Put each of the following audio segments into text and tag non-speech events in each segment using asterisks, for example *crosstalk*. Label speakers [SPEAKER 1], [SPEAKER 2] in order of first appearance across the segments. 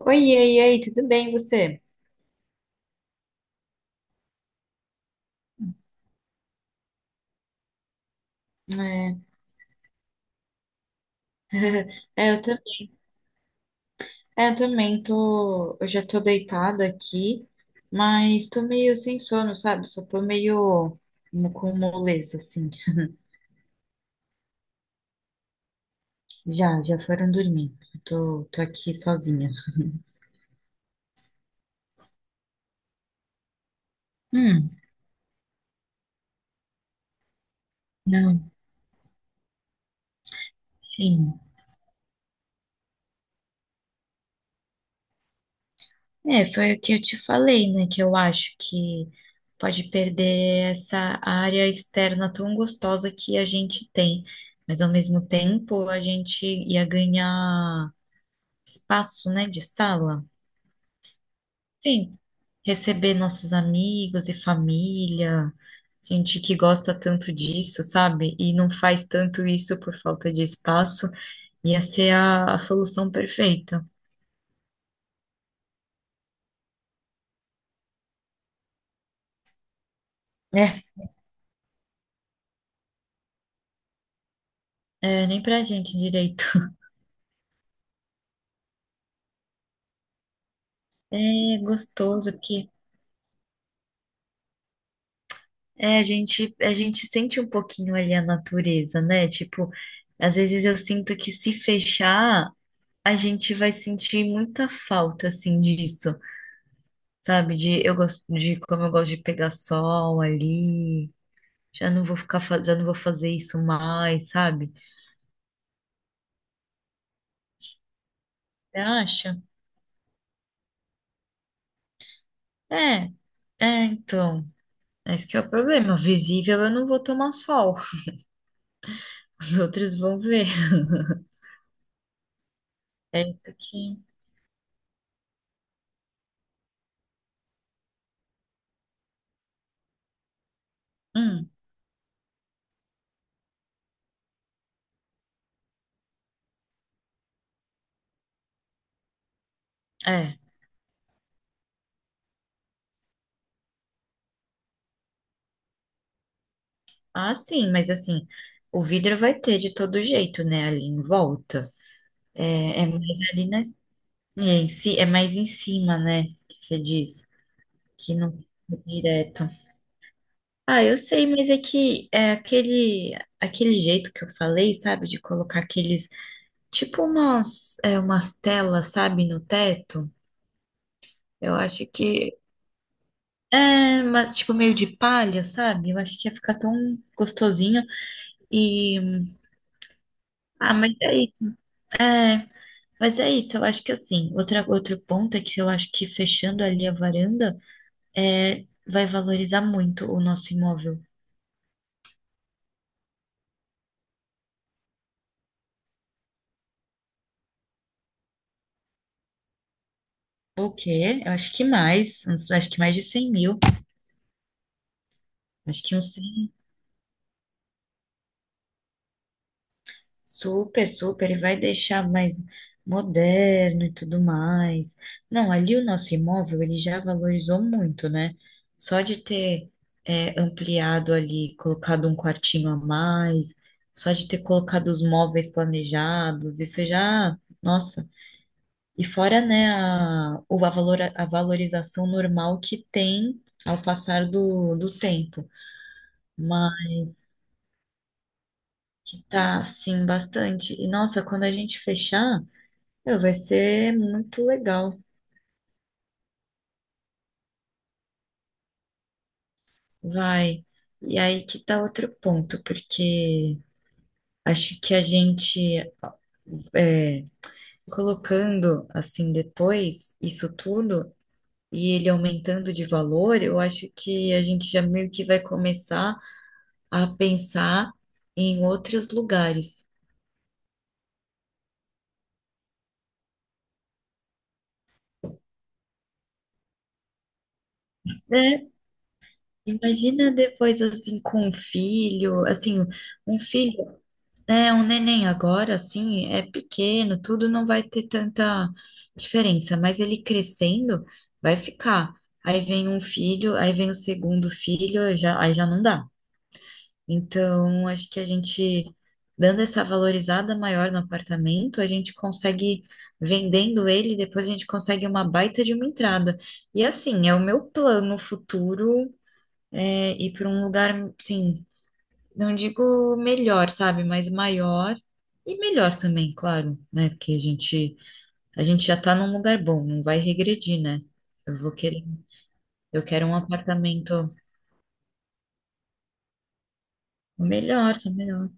[SPEAKER 1] Oi, e aí, tudo bem, você? É, é, eu, tam- é, eu também tô. Eu já tô deitada aqui, mas tô meio sem sono, sabe? Só tô meio com moleza, assim. Já, foram dormir. Eu tô aqui sozinha. Hum, não, sim. É, foi o que eu te falei, né? Que eu acho que pode perder essa área externa tão gostosa que a gente tem, mas ao mesmo tempo a gente ia ganhar. Espaço, né, de sala. Sim, receber nossos amigos e família, gente que gosta tanto disso, sabe? E não faz tanto isso por falta de espaço, ia ser a solução perfeita. É, é, nem pra gente direito. *laughs* É gostoso, porque a gente sente um pouquinho ali a natureza, né? Tipo, às vezes eu sinto que se fechar, a gente vai sentir muita falta, assim, disso. Sabe, de eu gosto de como eu gosto de pegar sol ali. Já não vou fazer isso mais, sabe? Você acha? É, é, então. Esse que é o problema. Visível eu não vou tomar sol. *laughs* Os outros vão ver. É isso que. Hum, é. Ah, sim, mas assim, o vidro vai ter de todo jeito, né? Ali em volta. É mais ali na, é, em si, é mais em cima, né? Que você diz. Que não é direto. Ah, eu sei, mas é que é aquele jeito que eu falei, sabe? De colocar aqueles, tipo umas telas, sabe, no teto. Eu acho que tipo meio de palha, sabe? Eu acho que ia ficar tão gostosinho. E, ah, mas é isso. É, mas é isso. Eu acho que assim, outro ponto é que eu acho que fechando ali a varanda, vai valorizar muito o nosso imóvel. O quê? Eu acho que mais de 100 mil. Acho que uns 100 Super, super, e vai deixar mais moderno e tudo mais. Não, ali o nosso imóvel ele já valorizou muito, né? Só de ter ampliado ali, colocado um quartinho a mais, só de ter colocado os móveis planejados, isso já, nossa. E fora, né, a, o- a, valora- a valorização normal que tem ao passar do tempo, mas que tá, assim, bastante. E nossa, quando a gente fechar. Não, vai ser muito legal, vai. E aí que tá outro ponto, porque acho que a gente é, colocando assim depois isso tudo e ele aumentando de valor, eu acho que a gente já meio que vai começar a pensar em outros lugares. É, imagina depois assim com um filho, assim, um filho um neném agora, assim, é pequeno, tudo não vai ter tanta diferença, mas ele crescendo vai ficar. Aí vem um filho, aí vem o segundo filho, já, aí já não dá. Então, acho que a gente, dando essa valorizada maior no apartamento, a gente consegue, vendendo ele, depois a gente consegue uma baita de uma entrada. E assim, é o meu plano futuro, ir para um lugar, sim não digo melhor, sabe, mas maior e melhor também, claro, né? Porque a gente já tá num lugar bom, não vai regredir, né? Eu vou querer, eu quero um apartamento melhor, tá melhor.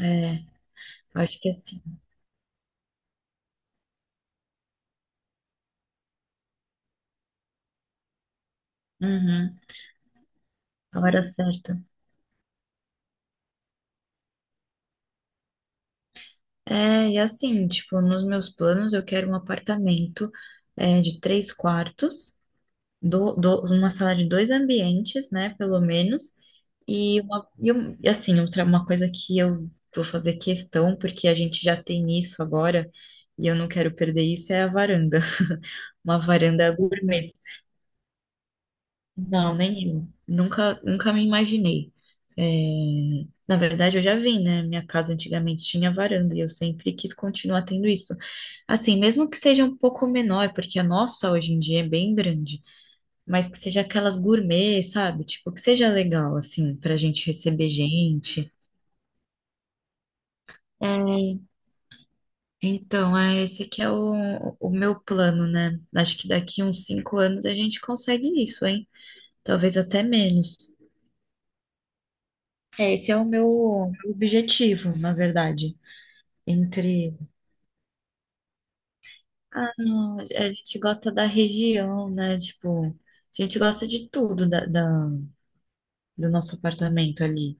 [SPEAKER 1] É, acho que é assim. Uhum, a hora certa. É, e assim, tipo, nos meus planos eu quero um apartamento de três quartos. Uma sala de dois ambientes, né, pelo menos, e, uma, e um- e, assim, outra, uma coisa que eu vou fazer questão, porque a gente já tem isso agora, e eu não quero perder isso, é a varanda. *laughs* Uma varanda gourmet. Não, nenhum. Nunca, nunca me imaginei. É, na verdade, eu já vim, né? Minha casa antigamente tinha varanda e eu sempre quis continuar tendo isso. Assim, mesmo que seja um pouco menor, porque a nossa hoje em dia é bem grande mas que seja aquelas gourmet, sabe? Tipo, que seja legal, assim, pra gente receber gente. É. Então, esse aqui é o meu plano, né? Acho que daqui uns 5 anos a gente consegue isso, hein? Talvez até menos. É, esse é o meu objetivo, na verdade. Entre, ah, não, a gente gosta da região, né? Tipo, a gente gosta de tudo da, do nosso apartamento ali.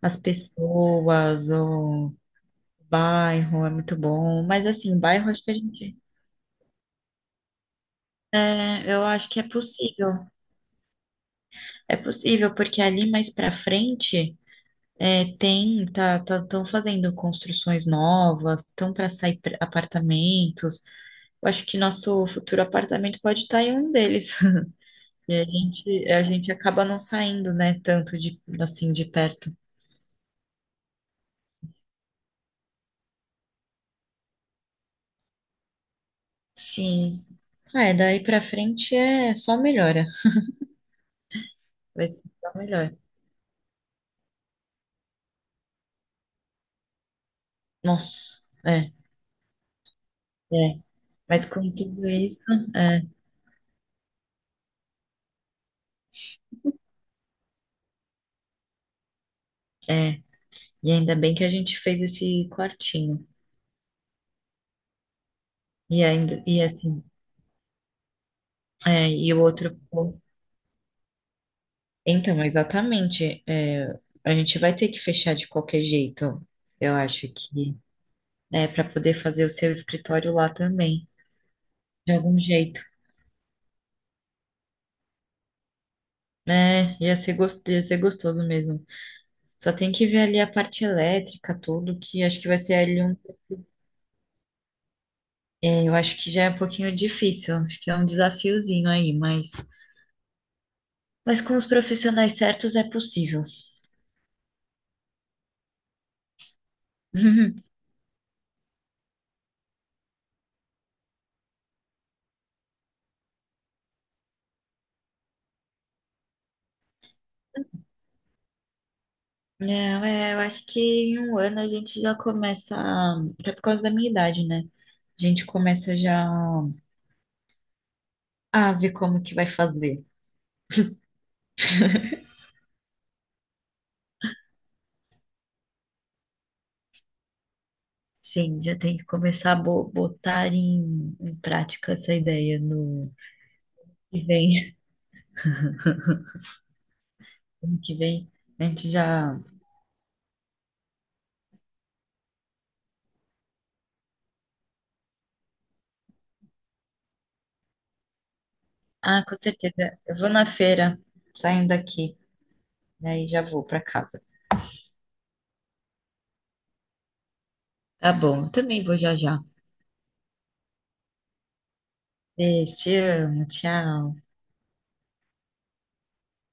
[SPEAKER 1] As pessoas, o bairro é muito bom, mas assim, bairro acho que a gente, eu acho que é possível porque ali mais pra frente estão fazendo construções novas, estão para sair apartamentos. Eu acho que nosso futuro apartamento pode estar em um deles. *laughs* E a gente acaba não saindo, né, tanto de assim de perto. Sim. Ah, é, daí pra frente é só melhora. Vai ser só melhor. Nossa, é, é. Mas com tudo isso, é. É, e ainda bem que a gente fez esse quartinho. E ainda, e assim, e o outro. Então, exatamente. A gente vai ter que fechar de qualquer jeito, eu acho que. É, para poder fazer o seu escritório lá também, de algum jeito. É, ia ser gostoso mesmo. Só tem que ver ali a parte elétrica, tudo, que acho que vai ser ali um. Eu acho que já é um pouquinho difícil. Acho que é um desafiozinho aí, mas. Mas com os profissionais certos é possível. *laughs* Não, eu acho que em um ano a gente já começa, até por causa da minha idade, né? A gente começa já a ver como que vai fazer. Sim, já tem que começar a botar em prática essa ideia no que vem. *laughs* Ano que vem a gente já. Ah, com certeza. Eu vou na feira, saindo daqui, daí já vou pra casa. Tá bom, eu também vou já já. Beijo, te amo, tchau.